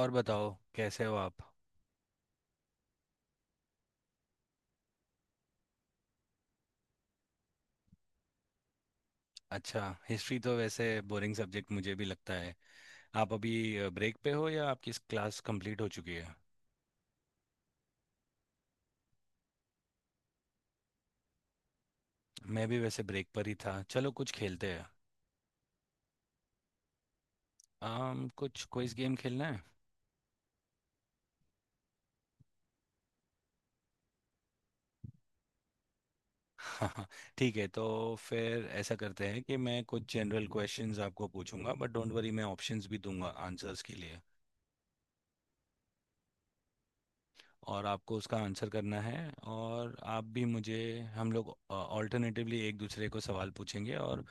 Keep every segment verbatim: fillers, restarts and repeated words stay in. और बताओ कैसे हो आप। अच्छा हिस्ट्री तो वैसे बोरिंग सब्जेक्ट मुझे भी लगता है। आप अभी ब्रेक पे हो या आपकी क्लास कंप्लीट हो चुकी है? मैं भी वैसे ब्रेक पर ही था, चलो कुछ खेलते हैं। आम कुछ क्विज गेम खेलना है। हाँ, ठीक है। तो फिर ऐसा करते हैं कि मैं कुछ जनरल क्वेश्चंस आपको पूछूंगा, बट डोंट वरी मैं ऑप्शंस भी दूंगा आंसर्स के लिए। और आपको उसका आंसर करना है और आप भी मुझे। हम लोग ऑल्टरनेटिवली एक दूसरे को सवाल पूछेंगे और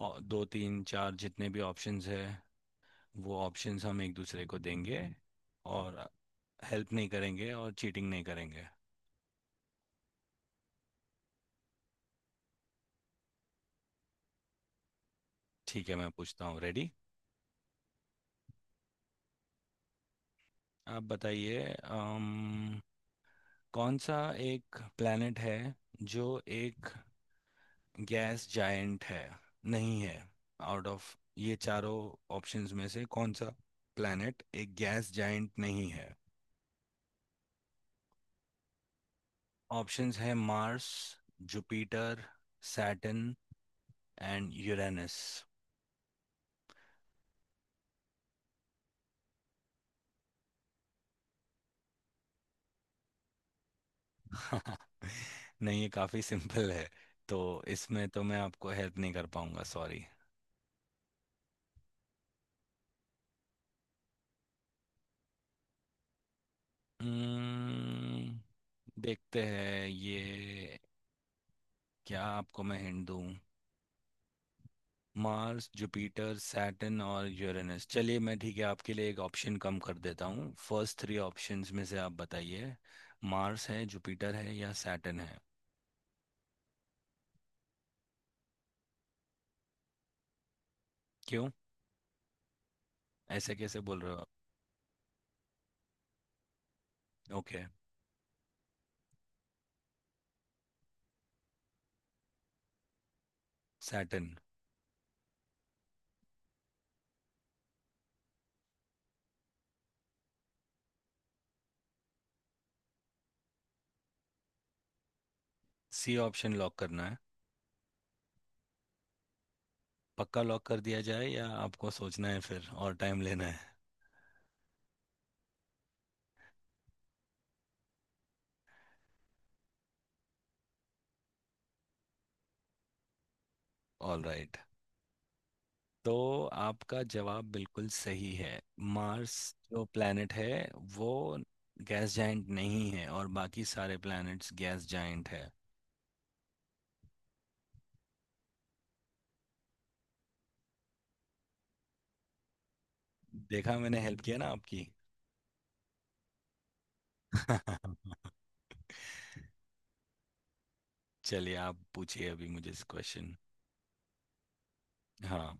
अ, दो तीन चार जितने भी ऑप्शंस है वो ऑप्शंस हम एक दूसरे को देंगे। और हेल्प नहीं करेंगे और चीटिंग नहीं करेंगे। ठीक है मैं पूछता हूँ, रेडी? आप बताइए, अम, कौन सा एक प्लेनेट है जो एक गैस जायंट है, नहीं है। आउट ऑफ ये चारों ऑप्शंस में से कौन सा प्लैनेट एक गैस जायंट नहीं है। ऑप्शंस है Mars, Jupiter, Saturn and Uranus. नहीं, ये काफी सिंपल है, तो इसमें तो मैं आपको हेल्प नहीं कर पाऊंगा, सॉरी। देखते हैं ये, क्या आपको मैं हिंट दूं। मार्स, जुपिटर, सैटर्न और यूरेनस, चलिए मैं ठीक है आपके लिए एक ऑप्शन कम कर देता हूँ, फर्स्ट थ्री ऑप्शंस में से आप बताइए, मार्स है, जुपिटर है, या सैटर्न है। क्यों, ऐसे कैसे बोल रहे हो आप? Okay. Saturn. C option lock करना है? पक्का लॉक कर दिया जाए या आपको सोचना है फिर और टाइम लेना है? All right. तो आपका जवाब बिल्कुल सही है। मार्स जो प्लैनेट है वो गैस जाइंट नहीं है, और बाकी सारे प्लैनेट्स गैस जाइंट है। देखा मैंने हेल्प किया ना आपकी। चलिए आप पूछिए अभी मुझे इस क्वेश्चन। हाँ।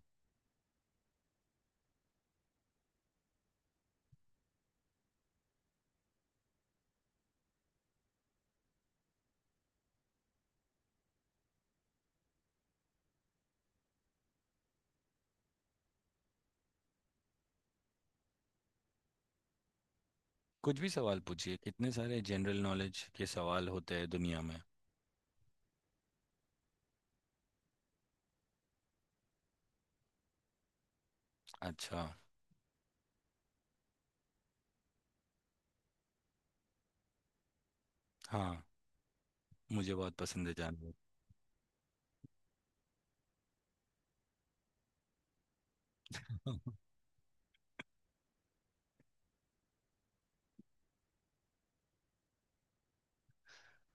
कुछ भी सवाल पूछिए, इतने सारे जनरल नॉलेज के सवाल होते हैं दुनिया में। अच्छा। हाँ, मुझे बहुत पसंद है जानवर।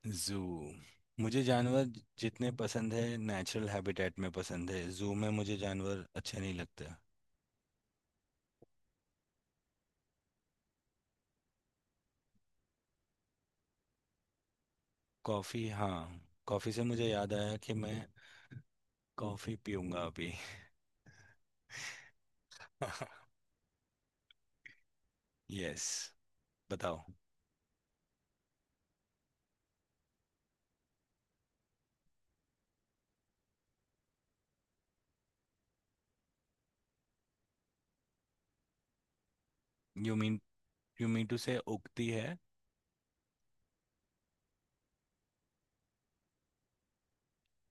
जू? मुझे जानवर जितने पसंद है नेचुरल हैबिटेट में पसंद है, जू में मुझे जानवर अच्छे नहीं लगते। कॉफ़ी, हाँ। कॉफ़ी से मुझे याद आया कि मैं कॉफ़ी पीऊंगा अभी। यस, बताओ। You mean, you mean to से उगती है?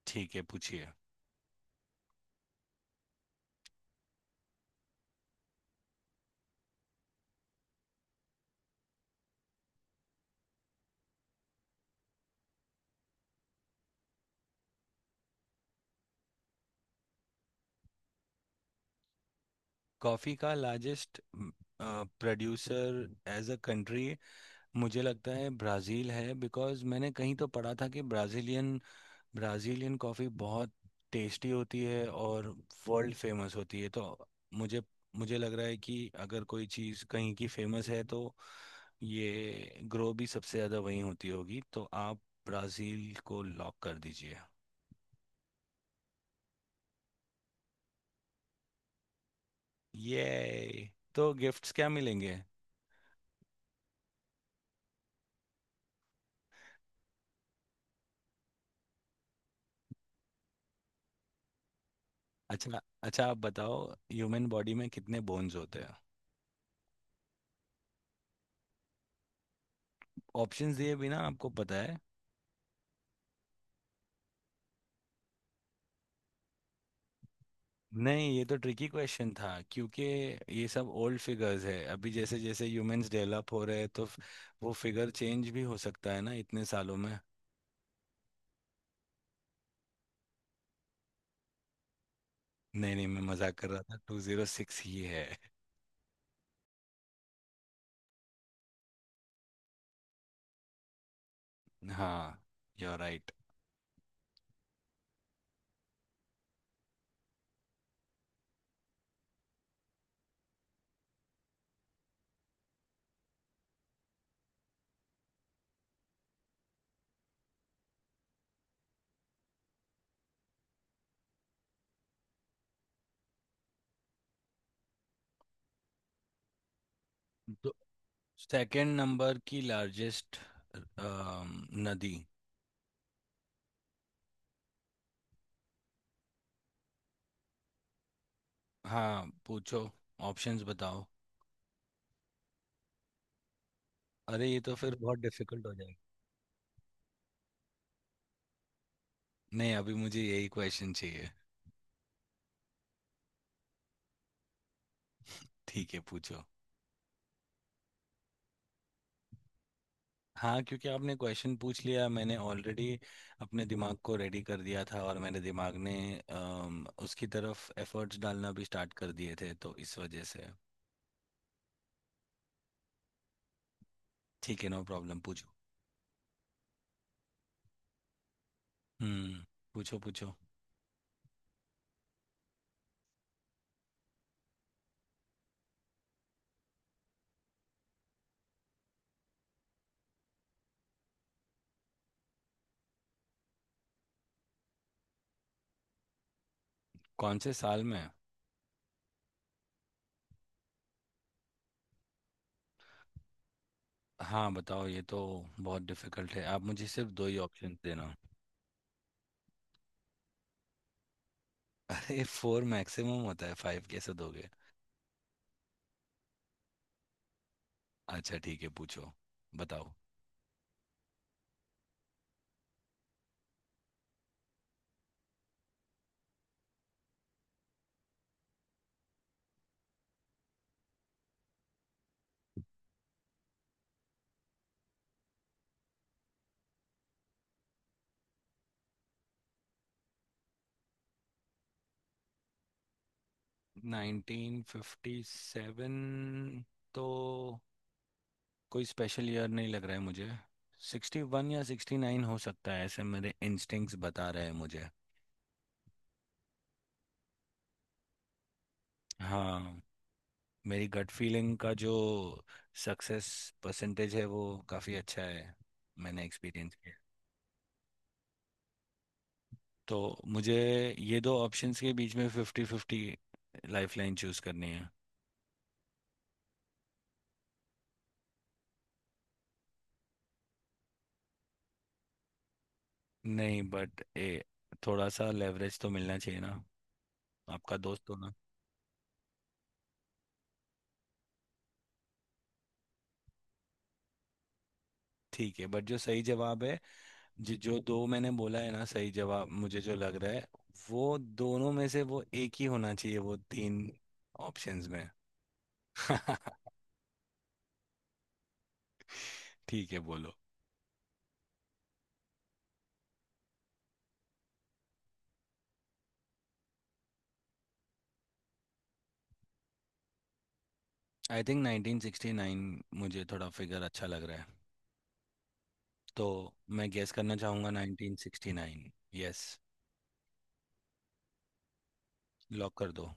ठीक है पूछिए। कॉफी का largest producer as a country, मुझे लगता है ब्राज़ील है, बिकॉज़ मैंने कहीं तो पढ़ा था कि ब्राज़ीलियन, ब्राज़ीलियन कॉफ़ी बहुत टेस्टी होती है और वर्ल्ड फेमस होती है। तो मुझे मुझे लग रहा है कि अगर कोई चीज़ कहीं की फेमस है तो ये ग्रो भी सबसे ज़्यादा वहीं होती होगी, तो आप ब्राज़ील को लॉक कर दीजिए। ये तो गिफ्ट्स क्या मिलेंगे? अच्छा अच्छा, आप बताओ ह्यूमन बॉडी में कितने बोन्स होते हैं। ऑप्शंस दिए बिना आपको पता है? नहीं, ये तो ट्रिकी क्वेश्चन था क्योंकि ये सब ओल्ड फिगर्स है। अभी जैसे जैसे ह्यूमंस डेवलप हो रहे हैं तो फ- वो फिगर चेंज भी हो सकता है ना इतने सालों में। नहीं नहीं, मैं मजाक कर रहा था, टू जीरो सिक्स ही है। हाँ, यू राइट। तो सेकंड नंबर की लार्जेस्ट नदी। हाँ पूछो, ऑप्शंस बताओ। अरे ये तो फिर बहुत डिफिकल्ट हो। नहीं, अभी मुझे यही क्वेश्चन चाहिए। ठीक है पूछो। हाँ, क्योंकि आपने क्वेश्चन पूछ लिया, मैंने ऑलरेडी अपने दिमाग को रेडी कर दिया था और मेरे दिमाग ने अम, उसकी तरफ एफर्ट्स डालना भी स्टार्ट कर दिए थे, तो इस वजह से। ठीक है नो प्रॉब्लम पूछो। हम्म, पूछो पूछो। कौन से साल में? हाँ बताओ, ये तो बहुत डिफिकल्ट है, आप मुझे सिर्फ दो ही ऑप्शन देना। अरे फोर मैक्सिमम होता है, फाइव कैसे दोगे। अच्छा ठीक है, पूछो, बताओ। नाइनटीन फिफ्टी सेवन, तो कोई स्पेशल ईयर नहीं लग रहा है मुझे। सिक्सटी वन या सिक्सटी नाइन हो सकता है, ऐसे मेरे इंस्टिंक्ट्स बता रहे हैं मुझे। हाँ, मेरी गट फीलिंग का जो सक्सेस परसेंटेज है वो काफ़ी अच्छा है, मैंने एक्सपीरियंस किया। तो मुझे ये दो ऑप्शंस के बीच में fifty fifty lifeline choose करनी है। नहीं बट ए, थोड़ा सा लेवरेज तो मिलना चाहिए ना, आपका दोस्त हो ना। ठीक है, बट जो सही जवाब है, जी जो दो मैंने बोला है ना सही जवाब मुझे जो लग रहा है, वो दोनों में से वो एक ही होना चाहिए वो तीन ऑप्शंस में। ठीक है बोलो। I think nineteen sixty nine, मुझे थोड़ा फिगर अच्छा लग रहा है, तो मैं गेस करना चाहूँगा nineteen sixty nine, yes. Lock कर दो।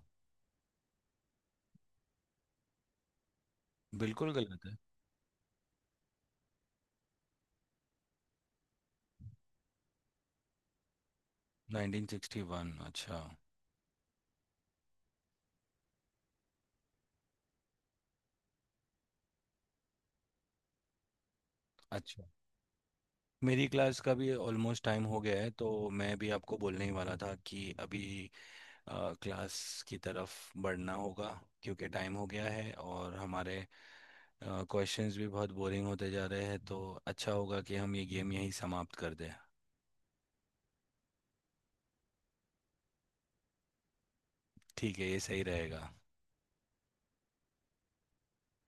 बिल्कुल गलत है। नाइनटीन सिक्सटी वन अच्छा। अच्छा, मेरी क्लास का भी ऑलमोस्ट टाइम हो गया है, तो मैं भी आपको बोलने ही वाला था कि अभी अ, क्लास की तरफ बढ़ना होगा क्योंकि टाइम हो गया है और हमारे क्वेश्चंस भी बहुत बोरिंग होते जा रहे हैं, तो अच्छा होगा कि हम ये गेम यहीं समाप्त कर दें। ठीक है, ये सही रहेगा।